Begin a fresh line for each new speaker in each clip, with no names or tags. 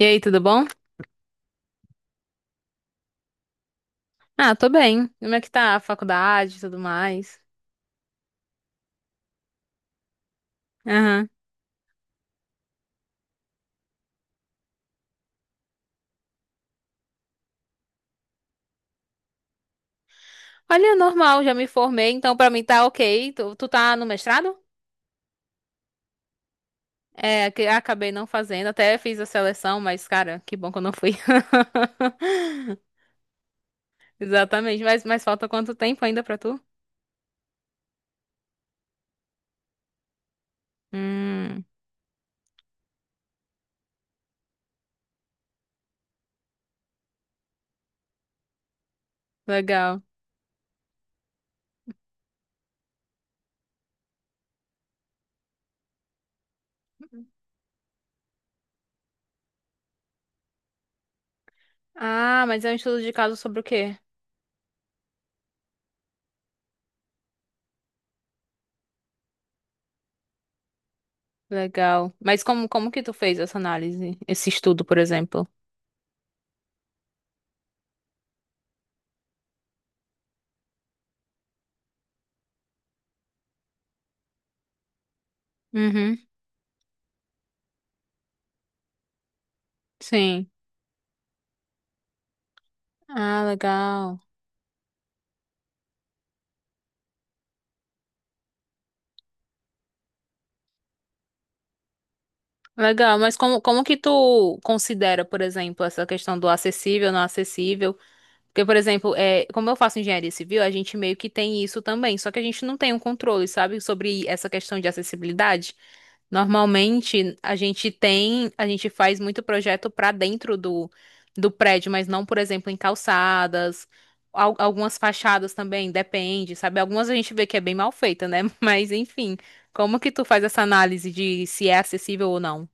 E aí, tudo bom? Ah, tô bem. Como é que tá a faculdade e tudo mais? Aham. Olha, normal, já me formei, então pra mim tá ok. Tu tá no mestrado? É, que acabei não fazendo, até fiz a seleção, mas cara, que bom que eu não fui. Exatamente, mas falta quanto tempo ainda pra tu? Hum, legal. Ah, mas é um estudo de caso sobre o quê? Legal. Mas como, como que tu fez essa análise? Esse estudo, por exemplo? Uhum, sim. Ah, legal. Legal, mas como, como que tu considera, por exemplo, essa questão do acessível, não acessível? Porque, por exemplo, como eu faço engenharia civil, a gente meio que tem isso também, só que a gente não tem um controle, sabe, sobre essa questão de acessibilidade. Normalmente, a gente tem, a gente faz muito projeto para dentro do prédio, mas não, por exemplo, em calçadas, algumas fachadas também, depende, sabe? Algumas a gente vê que é bem mal feita, né? Mas, enfim, como que tu faz essa análise de se é acessível ou não?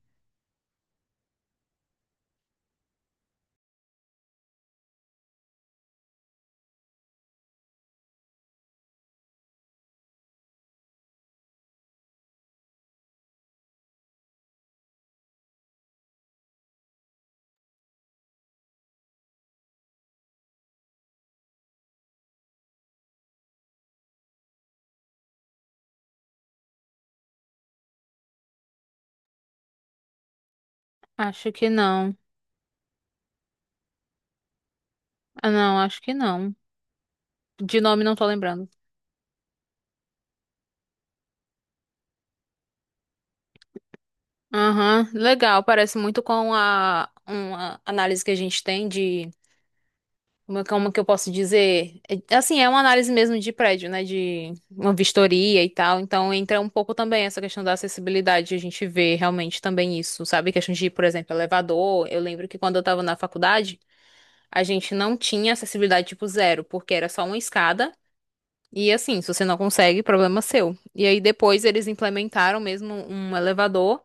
Acho que não. Ah, não, acho que não. De nome não tô lembrando. Aham, legal. Parece muito com a uma análise que a gente tem de como, é como que eu posso dizer? É, assim, é uma análise mesmo de prédio, né? De uma vistoria e tal. Então entra um pouco também essa questão da acessibilidade. A gente vê realmente também isso, sabe? Questão de, por exemplo, elevador. Eu lembro que quando eu tava na faculdade, a gente não tinha acessibilidade tipo zero, porque era só uma escada. E assim, se você não consegue, problema seu. E aí depois eles implementaram mesmo um elevador.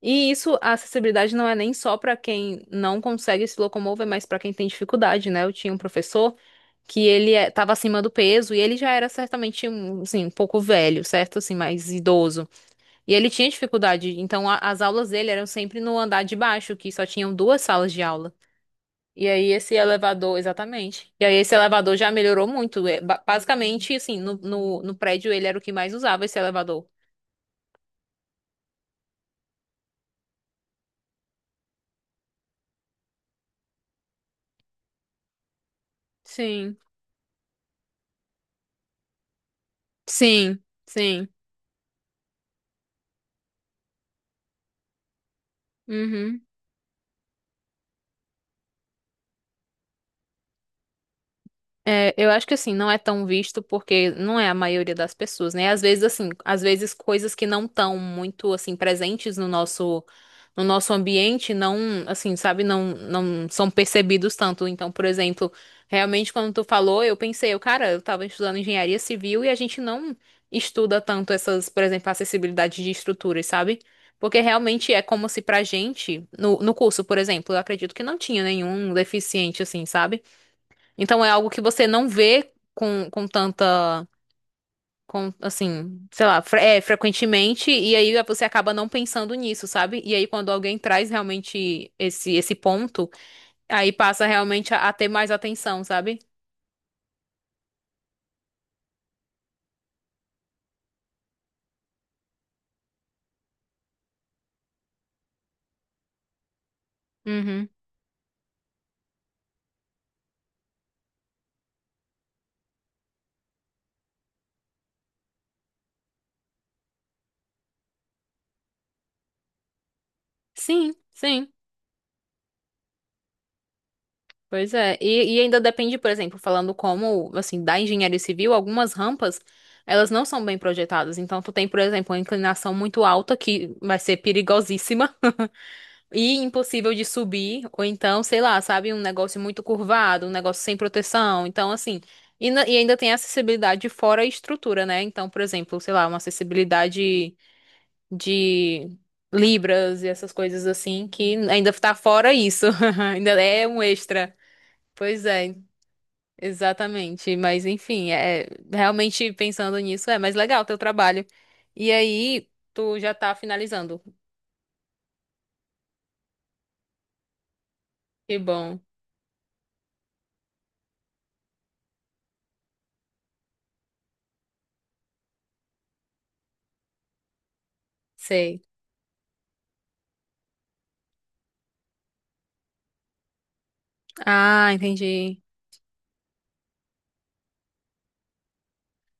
E isso, a acessibilidade não é nem só para quem não consegue se locomover, mas para quem tem dificuldade, né? Eu tinha um professor que ele estava acima do peso e ele já era certamente um, assim, um pouco velho, certo? Assim, mais idoso. E ele tinha dificuldade, então as aulas dele eram sempre no andar de baixo, que só tinham duas salas de aula. E aí esse elevador, exatamente. E aí esse elevador já melhorou muito. É, basicamente, assim, no prédio ele era o que mais usava esse elevador. Sim, sim, sim. Uhum. É, eu acho que assim, não é tão visto porque não é a maioria das pessoas, né? Às vezes assim, às vezes coisas que não estão muito assim presentes no nosso ambiente não, assim, sabe, não são percebidos tanto. Então, por exemplo, realmente quando tu falou, eu pensei, eu, cara, eu tava estudando engenharia civil e a gente não estuda tanto essas, por exemplo, acessibilidade de estruturas, sabe? Porque realmente é como se pra gente, no curso, por exemplo, eu acredito que não tinha nenhum deficiente, assim, sabe? Então é algo que você não vê com tanta, com, assim, sei lá, frequentemente, e aí você acaba não pensando nisso, sabe? E aí quando alguém traz realmente esse ponto, aí passa realmente a ter mais atenção, sabe? Uhum. Sim, sim. Pois é. E ainda depende, por exemplo, falando como, assim, da engenharia civil, algumas rampas, elas não são bem projetadas. Então, tu tem, por exemplo, uma inclinação muito alta que vai ser perigosíssima. E impossível de subir, ou então, sei lá, sabe, um negócio muito curvado, um negócio sem proteção. Então, assim, e ainda tem a acessibilidade fora a estrutura, né? Então, por exemplo, sei lá, uma acessibilidade de libras e essas coisas assim, que ainda tá fora isso. Ainda é um extra. Pois é, exatamente. Mas, enfim, é realmente pensando nisso, é mais legal teu trabalho. E aí, tu já tá finalizando. Que bom, sei. Ah, entendi.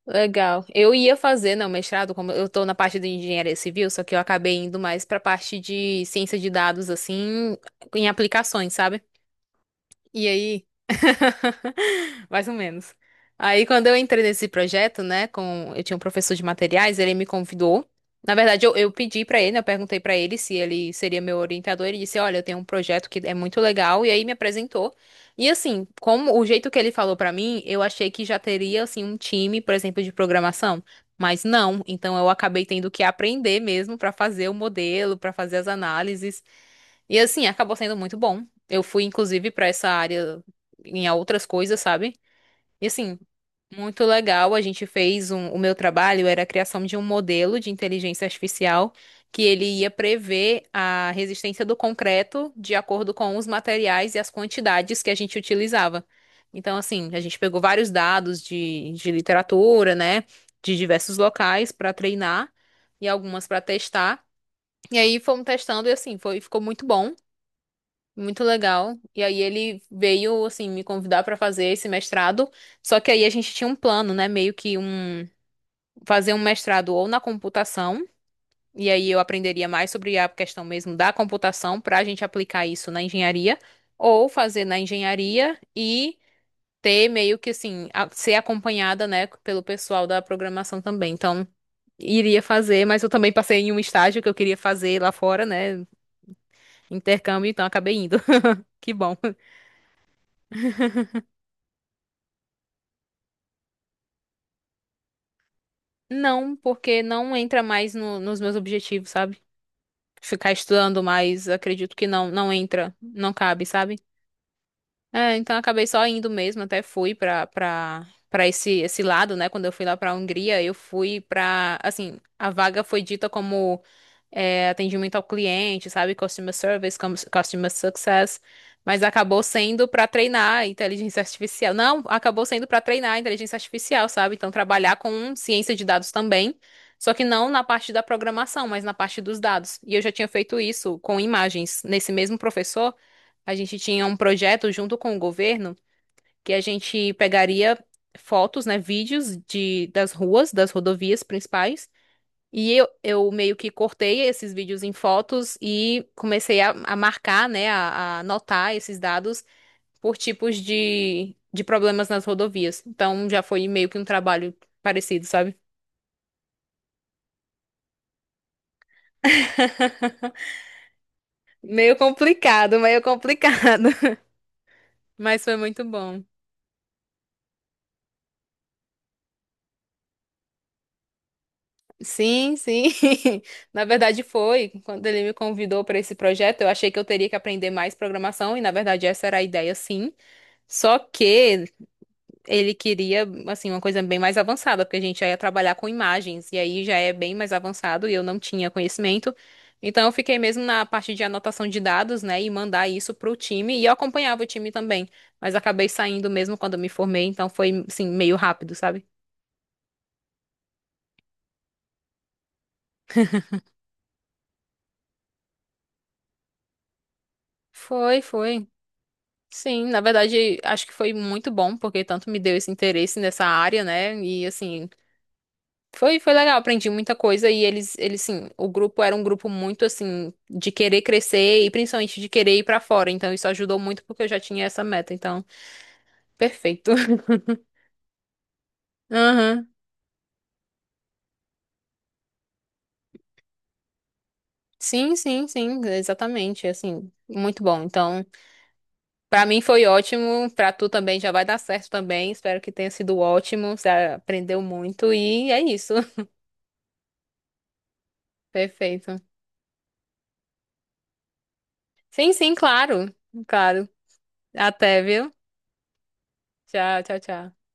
Legal. Eu ia fazer, não, mestrado, como eu tô na parte de engenharia civil, só que eu acabei indo mais pra parte de ciência de dados, assim, em aplicações, sabe? E aí? Mais ou menos. Aí, quando eu entrei nesse projeto, né, com eu tinha um professor de materiais, ele me convidou. Na verdade, eu pedi pra ele, né, eu perguntei pra ele se ele seria meu orientador. Ele disse: Olha, eu tenho um projeto que é muito legal. E aí me apresentou. E assim, como o jeito que ele falou pra mim, eu achei que já teria assim um time, por exemplo, de programação. Mas não. Então, eu acabei tendo que aprender mesmo pra fazer o modelo, pra fazer as análises. E assim, acabou sendo muito bom. Eu fui, inclusive, pra essa área em outras coisas, sabe? E assim, muito legal. A gente fez um, o meu trabalho era a criação de um modelo de inteligência artificial que ele ia prever a resistência do concreto de acordo com os materiais e as quantidades que a gente utilizava. Então, assim, a gente pegou vários dados de literatura, né, de diversos locais para treinar e algumas para testar. E aí fomos testando e assim, foi, ficou muito bom. Muito legal. E aí ele veio assim me convidar para fazer esse mestrado, só que aí a gente tinha um plano, né, meio que um fazer um mestrado ou na computação, e aí eu aprenderia mais sobre a questão mesmo da computação para a gente aplicar isso na engenharia, ou fazer na engenharia e ter meio que assim, ser acompanhada, né, pelo pessoal da programação também. Então, iria fazer, mas eu também passei em um estágio que eu queria fazer lá fora, né, intercâmbio, então acabei indo. Que bom. Não, porque não entra mais nos meus objetivos, sabe? Ficar estudando mais, acredito que não, não entra, não cabe, sabe? É, então eu acabei só indo mesmo, até fui pra para esse esse lado, né? Quando eu fui lá pra Hungria, eu fui pra, assim, a vaga foi dita como é, atendimento ao cliente, sabe? Customer service, customer success, mas acabou sendo pra treinar a inteligência artificial. Não, acabou sendo pra treinar a inteligência artificial, sabe? Então trabalhar com ciência de dados também, só que não na parte da programação, mas na parte dos dados. E eu já tinha feito isso com imagens nesse mesmo professor. A gente tinha um projeto junto com o governo que a gente pegaria fotos, né, vídeos de, das ruas, das rodovias principais. E eu meio que cortei esses vídeos em fotos e comecei a marcar, né, a anotar esses dados por tipos de problemas nas rodovias. Então já foi meio que um trabalho parecido, sabe? Meio complicado, meio complicado. Mas foi muito bom. Sim, sim. Na verdade foi. Quando ele me convidou para esse projeto, eu achei que eu teria que aprender mais programação e na verdade essa era a ideia, sim. Só que ele queria assim uma coisa bem mais avançada, porque a gente já ia trabalhar com imagens e aí já é bem mais avançado e eu não tinha conhecimento. Então eu fiquei mesmo na parte de anotação de dados, né, e mandar isso pro time e eu acompanhava o time também, mas acabei saindo mesmo quando eu me formei, então foi assim meio rápido, sabe? Foi, foi. Sim, na verdade, acho que foi muito bom, porque tanto me deu esse interesse nessa área, né? E assim, foi, foi legal, aprendi muita coisa e eles, sim, o grupo era um grupo muito assim, de querer crescer e principalmente de querer ir pra fora. Então, isso ajudou muito porque eu já tinha essa meta. Então, perfeito. Aham. Sim, sim, sim, exatamente, assim, muito bom. Então, pra mim foi ótimo, pra tu também já vai dar certo também. Espero que tenha sido ótimo, você aprendeu muito e é isso. Perfeito. Sim, sim, claro. Claro. Até, viu? Tchau, tchau, tchau.